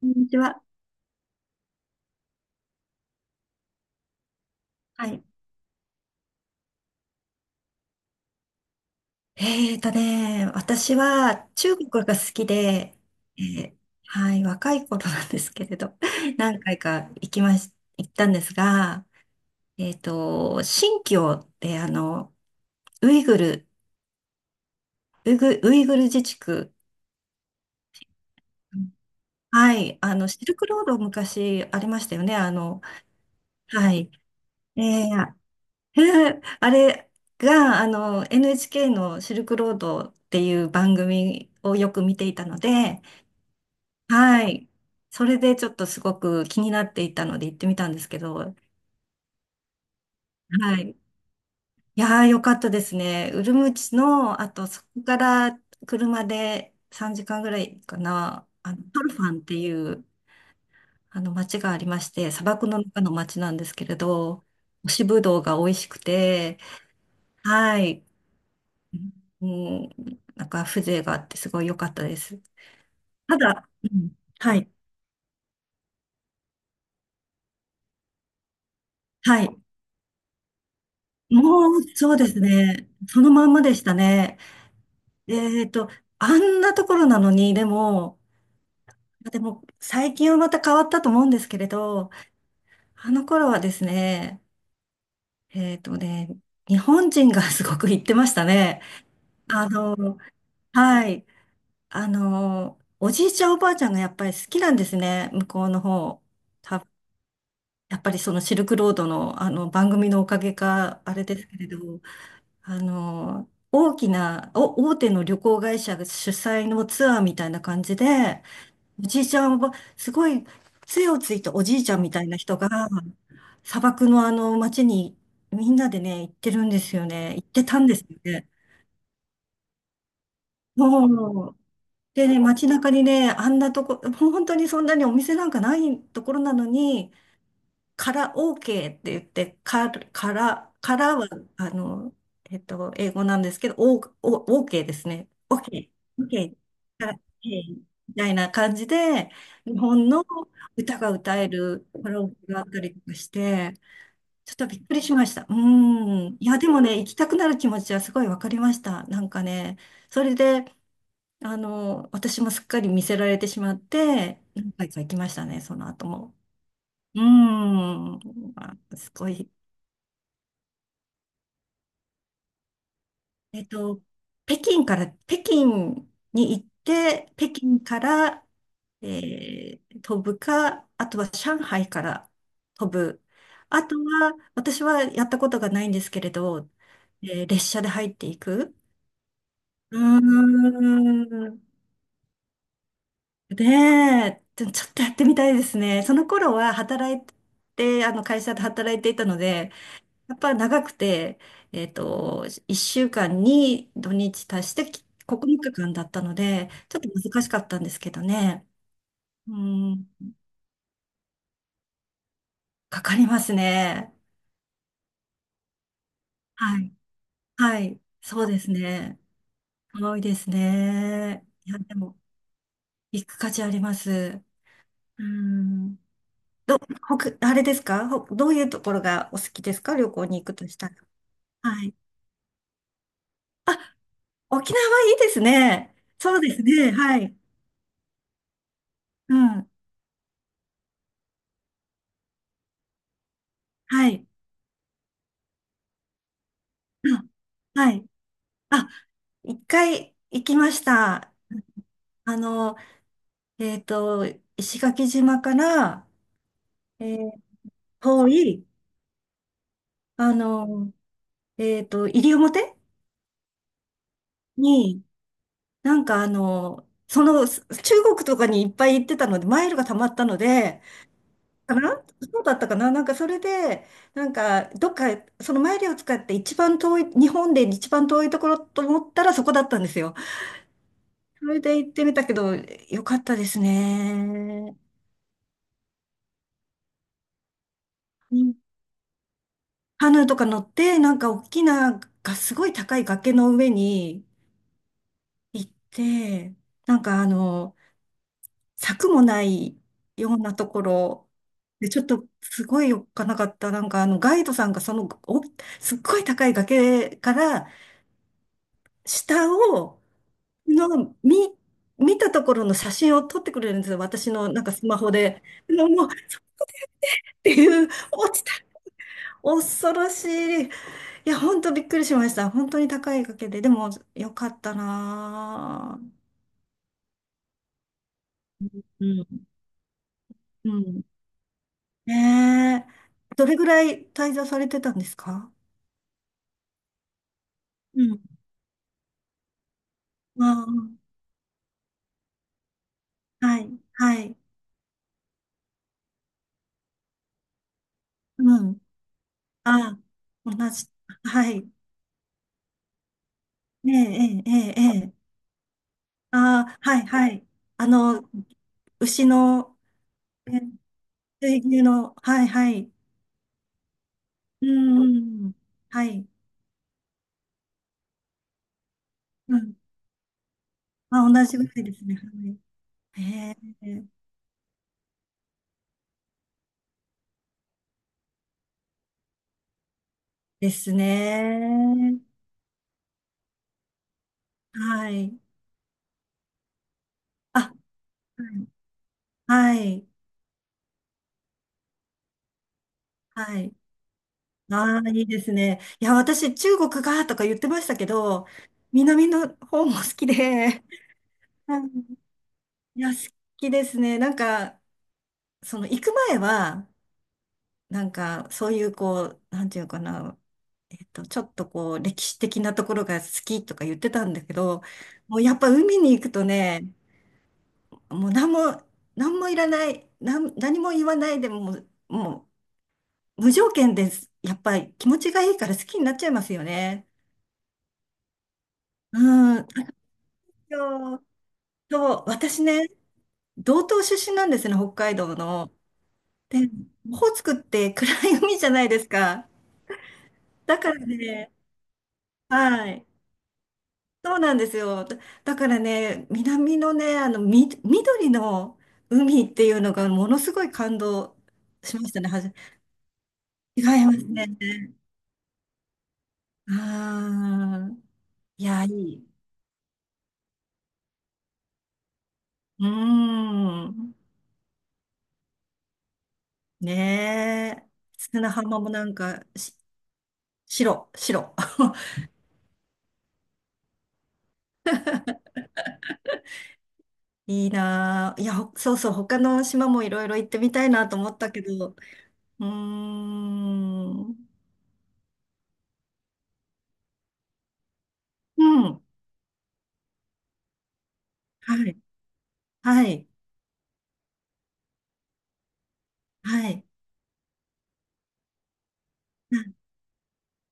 こんにちは。はい。私は中国が好きで、えーはい、若い頃なんですけれど、何回か行きまし、行ったんですが、新疆ってあの、ウイグル、ウイグル自治区、はい、あの、シルクロード昔ありましたよね、あの、はい。えー、あれが、あの、NHK のシルクロードっていう番組をよく見ていたので、はい。それでちょっとすごく気になっていたので行ってみたんですけど、はい。いやー、よかったですね。ウルムチの、あとそこから車で3時間ぐらいかな、あの、トルファンっていうあの町がありまして、砂漠の中の町なんですけれど、干しぶどうが美味しくて、はい。うん、なんか風情があってすごい良かったです。ただ、うん、はい。はい。もう、そうですね。そのまんまでしたね。えっと、あんなところなのに、でも、最近はまた変わったと思うんですけれど、あの頃はですね、えっとね、日本人がすごく行ってましたね。あの、はい。あの、おじいちゃんおばあちゃんがやっぱり好きなんですね、向こうの方。た、やっぱりそのシルクロードの、あの番組のおかげか、あれですけれど、あの、大きな、お、大手の旅行会社が主催のツアーみたいな感じで、おじいちゃんは、すごい杖をついたおじいちゃんみたいな人が、砂漠のあの街にみんなでね、行ってるんですよね。行ってたんですよね。もう、でね、街中にね、あんなとこ、もう本当にそんなにお店なんかないところなのに、から OK って言って、からは、あの、英語なんですけど、OK ですね。OK、OK、から、OK みたいな感じで、日本の歌が歌えるカラオケがあったりとかして、ちょっとびっくりしました。うん。いや、でもね、行きたくなる気持ちはすごいわかりました。なんかね、それで、あの、私もすっかり見せられてしまって、何回か行きましたね、その後も。うーん、まあ、すごい。えっと、北京から、北京に行って、北京から、飛ぶか、あとは上海から飛ぶ。あとは、私はやったことがないんですけれど、列車で入っていく。うーん。ねえ、ちょっとやってみたいですね。その頃は働いて、あの会社で働いていたので、やっぱ長くて、1週間に土日足して9日間だったので、ちょっと難しかったんですけどね。うん、かかりますね。はい。はい。そうですね。多いですね。いや、でも、行く価値あります。うん。ど、ほくあれですかほどういうところがお好きですか、旅行に行くとしたら？はい。あ、沖縄いいですね。そうですね。はい。うん。はい。うんはい。あ、一回行きました。あの、えっと、石垣島から、えー遠い、あの、西表に、なんかあの、その、中国とかにいっぱい行ってたので、マイルが溜まったので、かなそうだったかななんかそれで、なんか、どっか、そのマイルを使って一番遠い、日本で一番遠いところと思ったらそこだったんですよ。それで行ってみたけど、よかったですね。カヌーとか乗って、なんか大きな、がすごい高い崖の上に行って、なんかあの、柵もないようなところ、で、ちょっとすごいおっかなかった。なんかあの、ガイドさんがその、すっごい高い崖から下を、の、見、見たところの写真を撮ってくれるんですよ。私のなんかスマホで。のもう、っていう、落ちた、恐ろしい。いや、本当びっくりしました。本当に高い掛かげで。でも、よかったなぁ。うん。うん。ねえ。どれぐらい滞在されてたんですか？うん。ああ、はい、はい。うん。ああ、同じ。はい。ええ、ええ、ええ。ええああ、はい、はい。あの、牛の、え水牛の、はい、はい。うん。はい。うん。まあ、同じぐらいですね。はい。ええ。ですね。はい。あ、はい。はい。ああー、いいですね。いや、私、中国がとか言ってましたけど、南の方も好きで、うんいや、好きですね。なんか、その、行く前は、なんか、そういう、こう、なんていうかな、ちょっとこう、歴史的なところが好きとか言ってたんだけど、もうやっぱ海に行くとね、もう何も、何もいらない、何も言わないでもう、無条件です。やっぱり気持ちがいいから好きになっちゃいますよね。うん。あと、そう私ね、道東出身なんですね、北海道の。で、オホーツクって暗い海じゃないですか。だからね、はい。そうなんですよ。だからね、南のね、あの、緑の海っていうのがものすごい感動しましたね。違いますね。ああ、いや、いい。うーん。ねえ。砂浜もなんか、白、白。いいなあ。いや、そうそう、他の島もいろいろ行ってみたいなと思ったけど。うーん。うん。はい。はい。はい。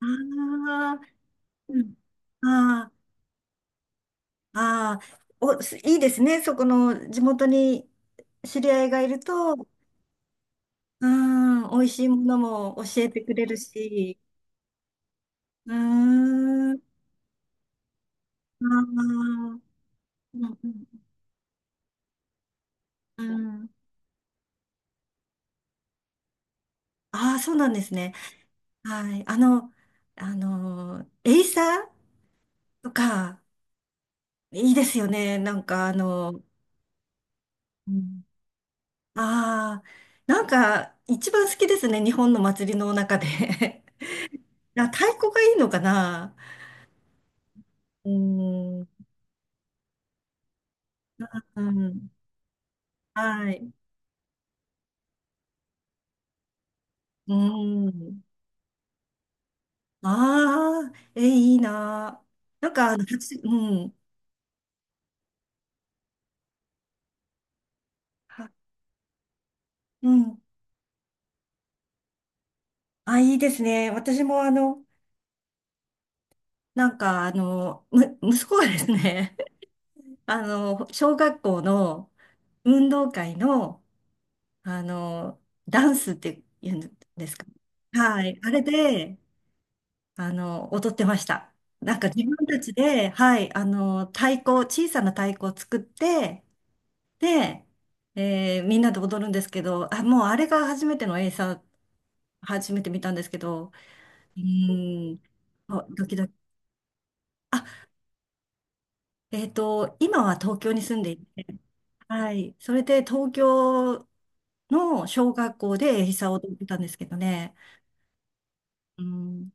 ああー、うん。ああ、ああ、いいですね。そこの地元に知り合いがいると、うーん、美味しいものも教えてくれるし、うーん、ああ、うんうんうん。ああ、そうなんですね。はい。あの、エイサーとか、いいですよね。なんか、あの、うん、ああー、なんか、一番好きですね。日本の祭りの中で。太鼓がいいのかな。うーん、うん、はい。うーん。ああ、いいな。なんか、あの、うん。はうん。あ、いいですね。私も、あの、なんか、あの、息子がですね、あの、小学校の運動会の、あの、ダンスって言うんですか？はい。あれで、あの、踊ってました。なんか自分たちで、はい、あの、太鼓、小さな太鼓を作って、で、みんなで踊るんですけど、あ、もうあれが初めてのエイサー、初めて見たんですけど、うーん、あドキドキ。あ、今は東京に住んでいて、はい、それで東京の小学校でエイサーを踊ってたんですけどね。うん、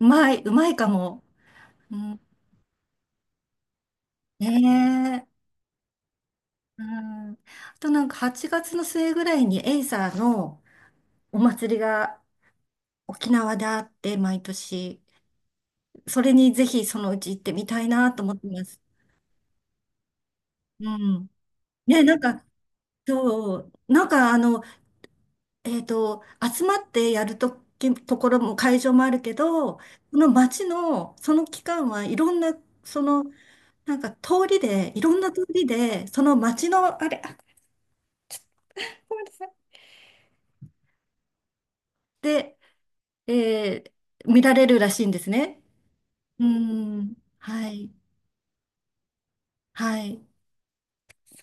うまい、うまいかも。うん、ねえ。うん、あとなんか8月の末ぐらいにエイサーのお祭りが沖縄であって、毎年。それにぜひそのうち行ってみたいなと思ってます。うん。ね、なんか、そう、なんかあの、えっと、集まってやるとき、ところも会場もあるけど、この街の、その期間はいろんな、その、なんか通りで、いろんな通りで、その街の、あれ、あ、ごめんなさい。で、えー見られるらしいんですね。うーん。はい。はい。